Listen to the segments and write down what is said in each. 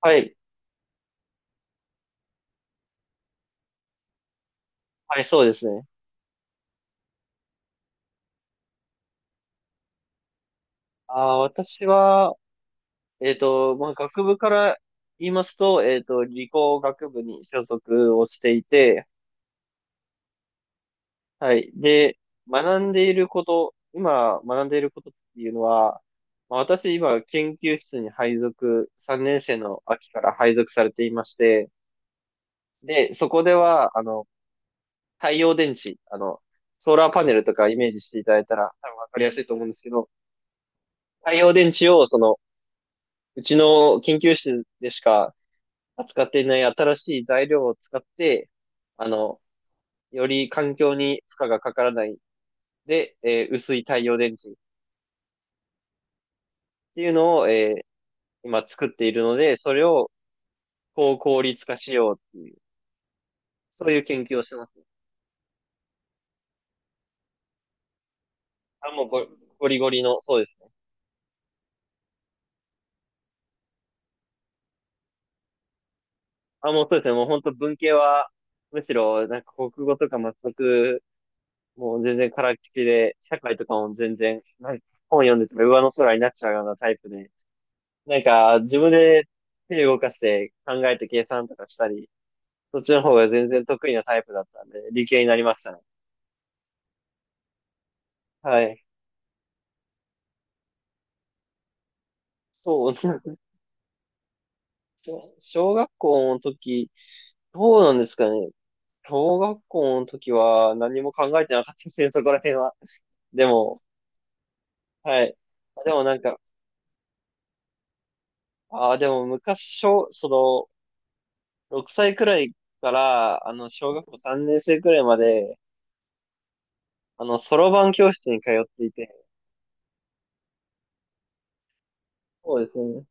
はい。はい、そうですね。私は、まあ、学部から言いますと、理工学部に所属をしていて、はい。で、学んでいること、今学んでいることっていうのは、まあ、私今研究室に3年生の秋から配属されていまして、で、そこでは、太陽電池、ソーラーパネルとかイメージしていただいたら多分わかりやすいと思うんですけど、太陽電池をうちの研究室でしか扱っていない新しい材料を使って、あの、より環境に負荷がかからないで、薄い太陽電池っていうのを、今作っているので、それを高効率化しようっていう、そういう研究をしてます。あ、もうゴリゴリの、そうですね。あ、もうそうですね。もう本当文系は、むしろ、なんか国語とか全く、もう全然からっきしで、社会とかも全然、なんか本読んでても上の空になっちゃうようなタイプで、なんか、自分で手動かして考えて計算とかしたり、そっちの方が全然得意なタイプだったんで、理系になりましたね。はい。そう、小学校の時、どうなんですかね。小学校の時は何も考えてなかったですね、そこら辺は。でも、はい。でもなんか、ああ、でも昔、小、その、6歳くらいから、小学校3年生くらいまで、そろばん教室に通っていて、そうですね。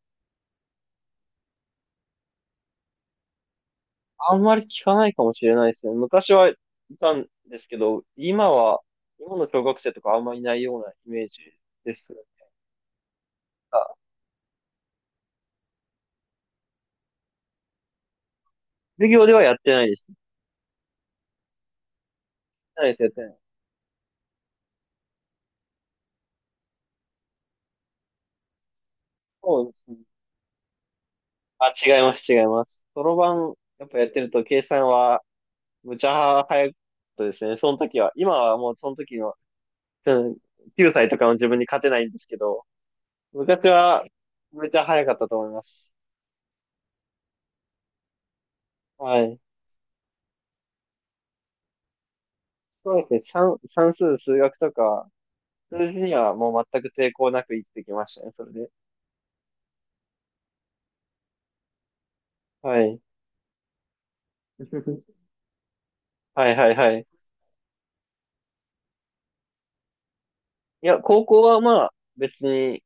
あんまり聞かないかもしれないですね。昔はいたんですけど、今の小学生とかあんまりいないようなイメージです。あ、授業ではやってないです。やってないです、やってない。そうですね。あ、違います、違います。そろばん、やっぱやってると計算は、むちゃ早かったですね。その時は。今はもうその時の、うん、9歳とかの自分に勝てないんですけど、昔は、めちゃ早かったと思います。はい。そうですね。算数、数学とか、数字にはもう全く抵抗なく生きてきましたね、それで。はい。はいはいはい。いや、高校はまあ、別に、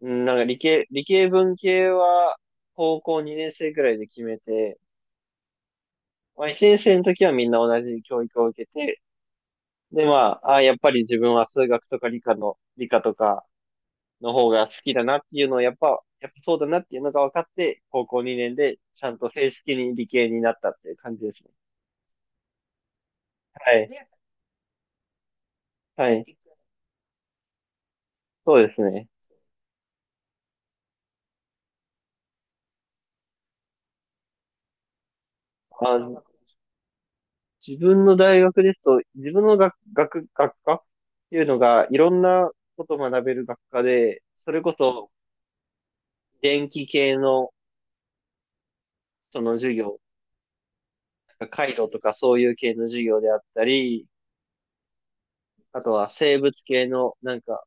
うんなんか理系文系は、高校2年生くらいで決めて、まあ1年生の時はみんな同じ教育を受けて、でまあ、やっぱり自分は数学とか理科とかの方が好きだなっていうのをやっぱそうだなっていうのが分かって、高校2年でちゃんと正式に理系になったっていう感じですね。はい。はい。そうですね。あ、自分の大学ですと、自分の学科っていうのが、いろんなことを学べる学科で、それこそ、電気系の、その授業、なんか回路とかそういう系の授業であったり、あとは生物系の、なんか、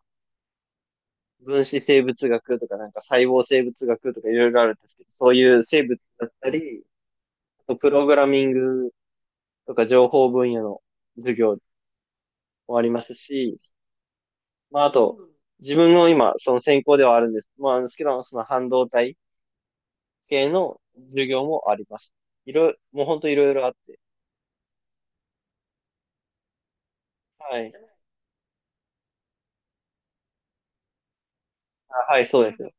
分子生物学とか、なんか細胞生物学とかいろいろあるんですけど、そういう生物だったり、あとプログラミングとか情報分野の授業もありますし、まあ、あと、自分の今、その専攻ではあるんです。まあ、なんですけど、その半導体系の授業もあります。いろいろ、もう本当いろいろあって。はい。あ、はい、そうです。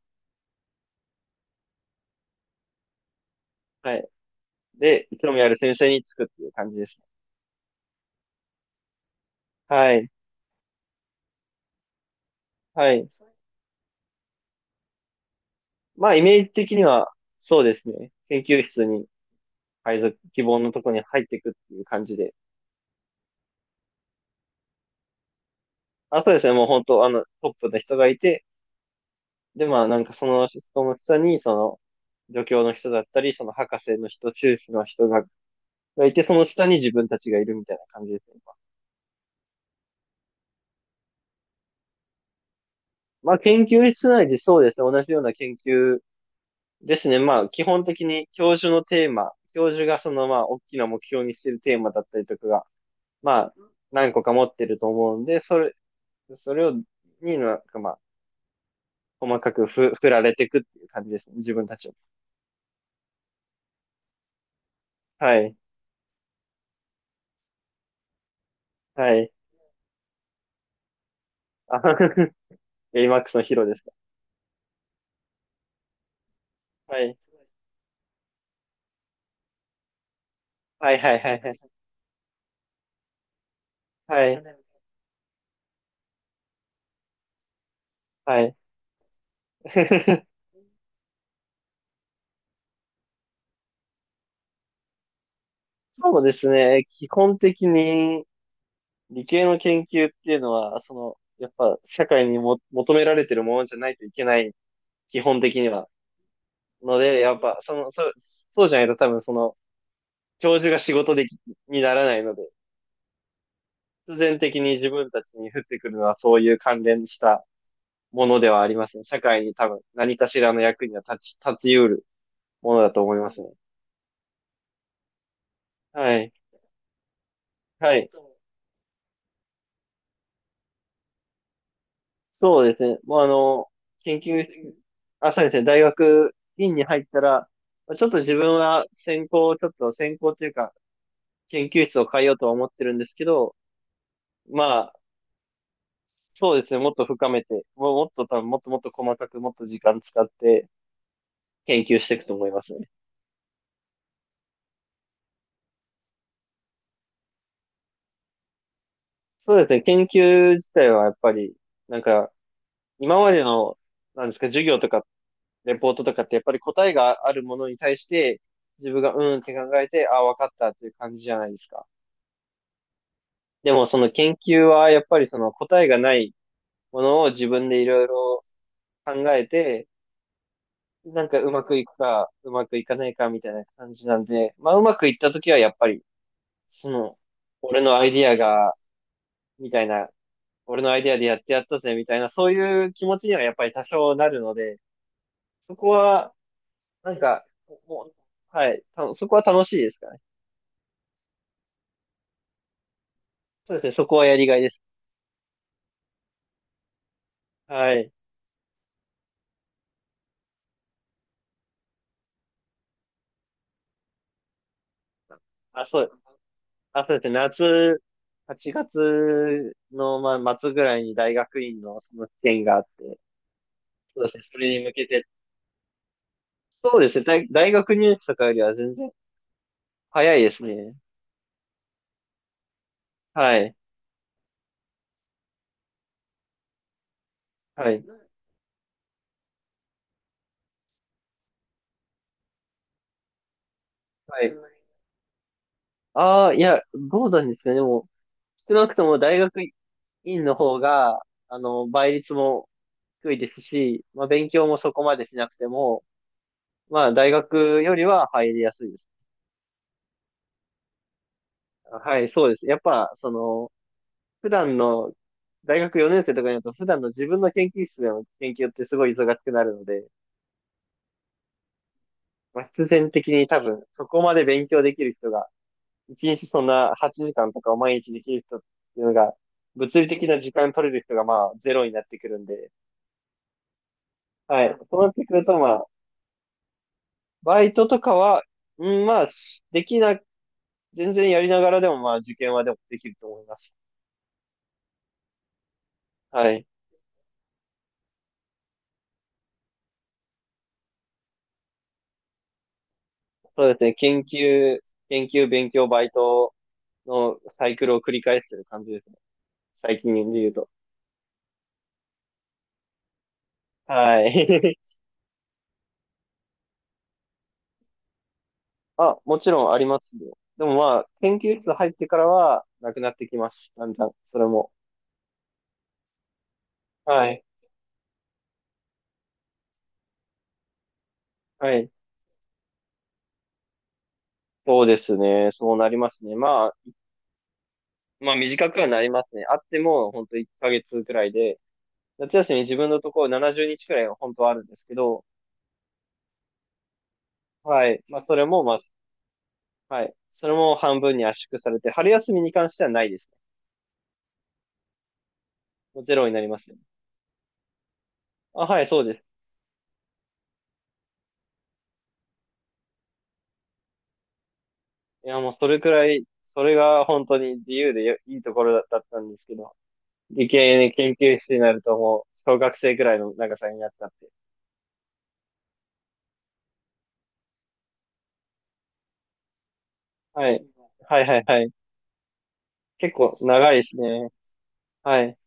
はい。で、興味ある先生につくっていう感じですね。はい。はい。まあ、イメージ的には、そうですね。研究室に配属、希望のとこに入っていくっていう感じで。あ、そうですね。もう本当、トップの人がいて、で、まあ、なんかその人の下に、助教の人だったり、その博士の人、修士の人がいて、その下に自分たちがいるみたいな感じですね。まあ、研究室内でそうですね。同じような研究ですね。まあ、基本的に教授のテーマ、教授がまあ、大きな目標にしているテーマだったりとかが、まあ、何個か持ってると思うんで、それ、それを、になんかまあ、細かく振られていくっていう感じですね。自分たちを。はい。はい。あ AMAX のヒロですか。はい。はいはいはいはい。はい。はい。そうですね。基本的に、理系の研究っていうのは、やっぱ社会にも求められてるものじゃないといけない、基本的には。ので、やっぱ、そうじゃないと多分教授が仕事でき、にならないので、必然的に自分たちに降ってくるのはそういう関連したものではありますね。社会に多分何かしらの役には立ち得るものだと思いますね。はい。はい。そうですね。もう研究、あ、そうですね。大学院に入ったら、ちょっと自分は専攻を、ちょっと専攻というか、研究室を変えようとは思ってるんですけど、まあ、そうですね。もっと深めて、もうもっと多分、もっともっと細かく、もっと時間使って研究していくと思いますね。そうですね。研究自体はやっぱり、なんか、今までの、なんですか、授業とか、レポートとかって、やっぱり答えがあるものに対して、自分がうんって考えて、ああ、わかったっていう感じじゃないですか。でもその研究はやっぱりその答えがないものを自分でいろいろ考えて、なんかうまくいくか、うまくいかないかみたいな感じなんで、まあうまくいった時はやっぱり、その、俺のアイディアが、みたいな、俺のアイディアでやってやったぜみたいな、そういう気持ちにはやっぱり多少なるので、そこは、なんか、もう、はい、そこは楽しいですかね。そうですね、そこはやりがいです。はい。あ、そう、あ、そうですね。8月の、まあ、末ぐらいに大学院のその試験があって、そうですね。それに向けて、そうですね。大学入試とかよりは全然早いですね。はい。はい。はい。ああ、いや、どうなんですかね。でも、少なくとも大学院の方が、倍率も低いですし、まあ、勉強もそこまでしなくても、まあ、大学よりは入りやすいです。はい、そうです。やっぱ、普段の、大学4年生とかになると、普段の自分の研究室での研究ってすごい忙しくなるので、まあ、必然的に多分、そこまで勉強できる人が、1日そんな8時間とかを毎日できる人っていうのが、物理的な時間取れる人がまあ、ゼロになってくるんで、はい。そうなってくると、まあ、バイトとかは、うん、まあ、しできな、全然やりながらでも、まあ、受験はでもできると思います。はい。そうですね。研究、勉強、バイトのサイクルを繰り返してる感じです。最近で言うと。はい。あ、もちろんありますよ。でもまあ、研究室入ってからは、なくなってきます。だんだん、それも。はい。はい。そうですね。そうなりますね。まあ短くはなりますね。あっても、ほんと1ヶ月くらいで、夏休み自分のところ70日くらいは本当はあるんですけど、はい。まあ、それも、まあ、はい。それも半分に圧縮されて、春休みに関してはないですね。もうゼロになりますね。あ、はい、そうです。いや、もうそれくらい、それが本当に自由でよいいところだったんですけど、理系に研究室になるともう小学生くらいの長さになっちゃって。はい。はいはいはい。結構長いですね。はい。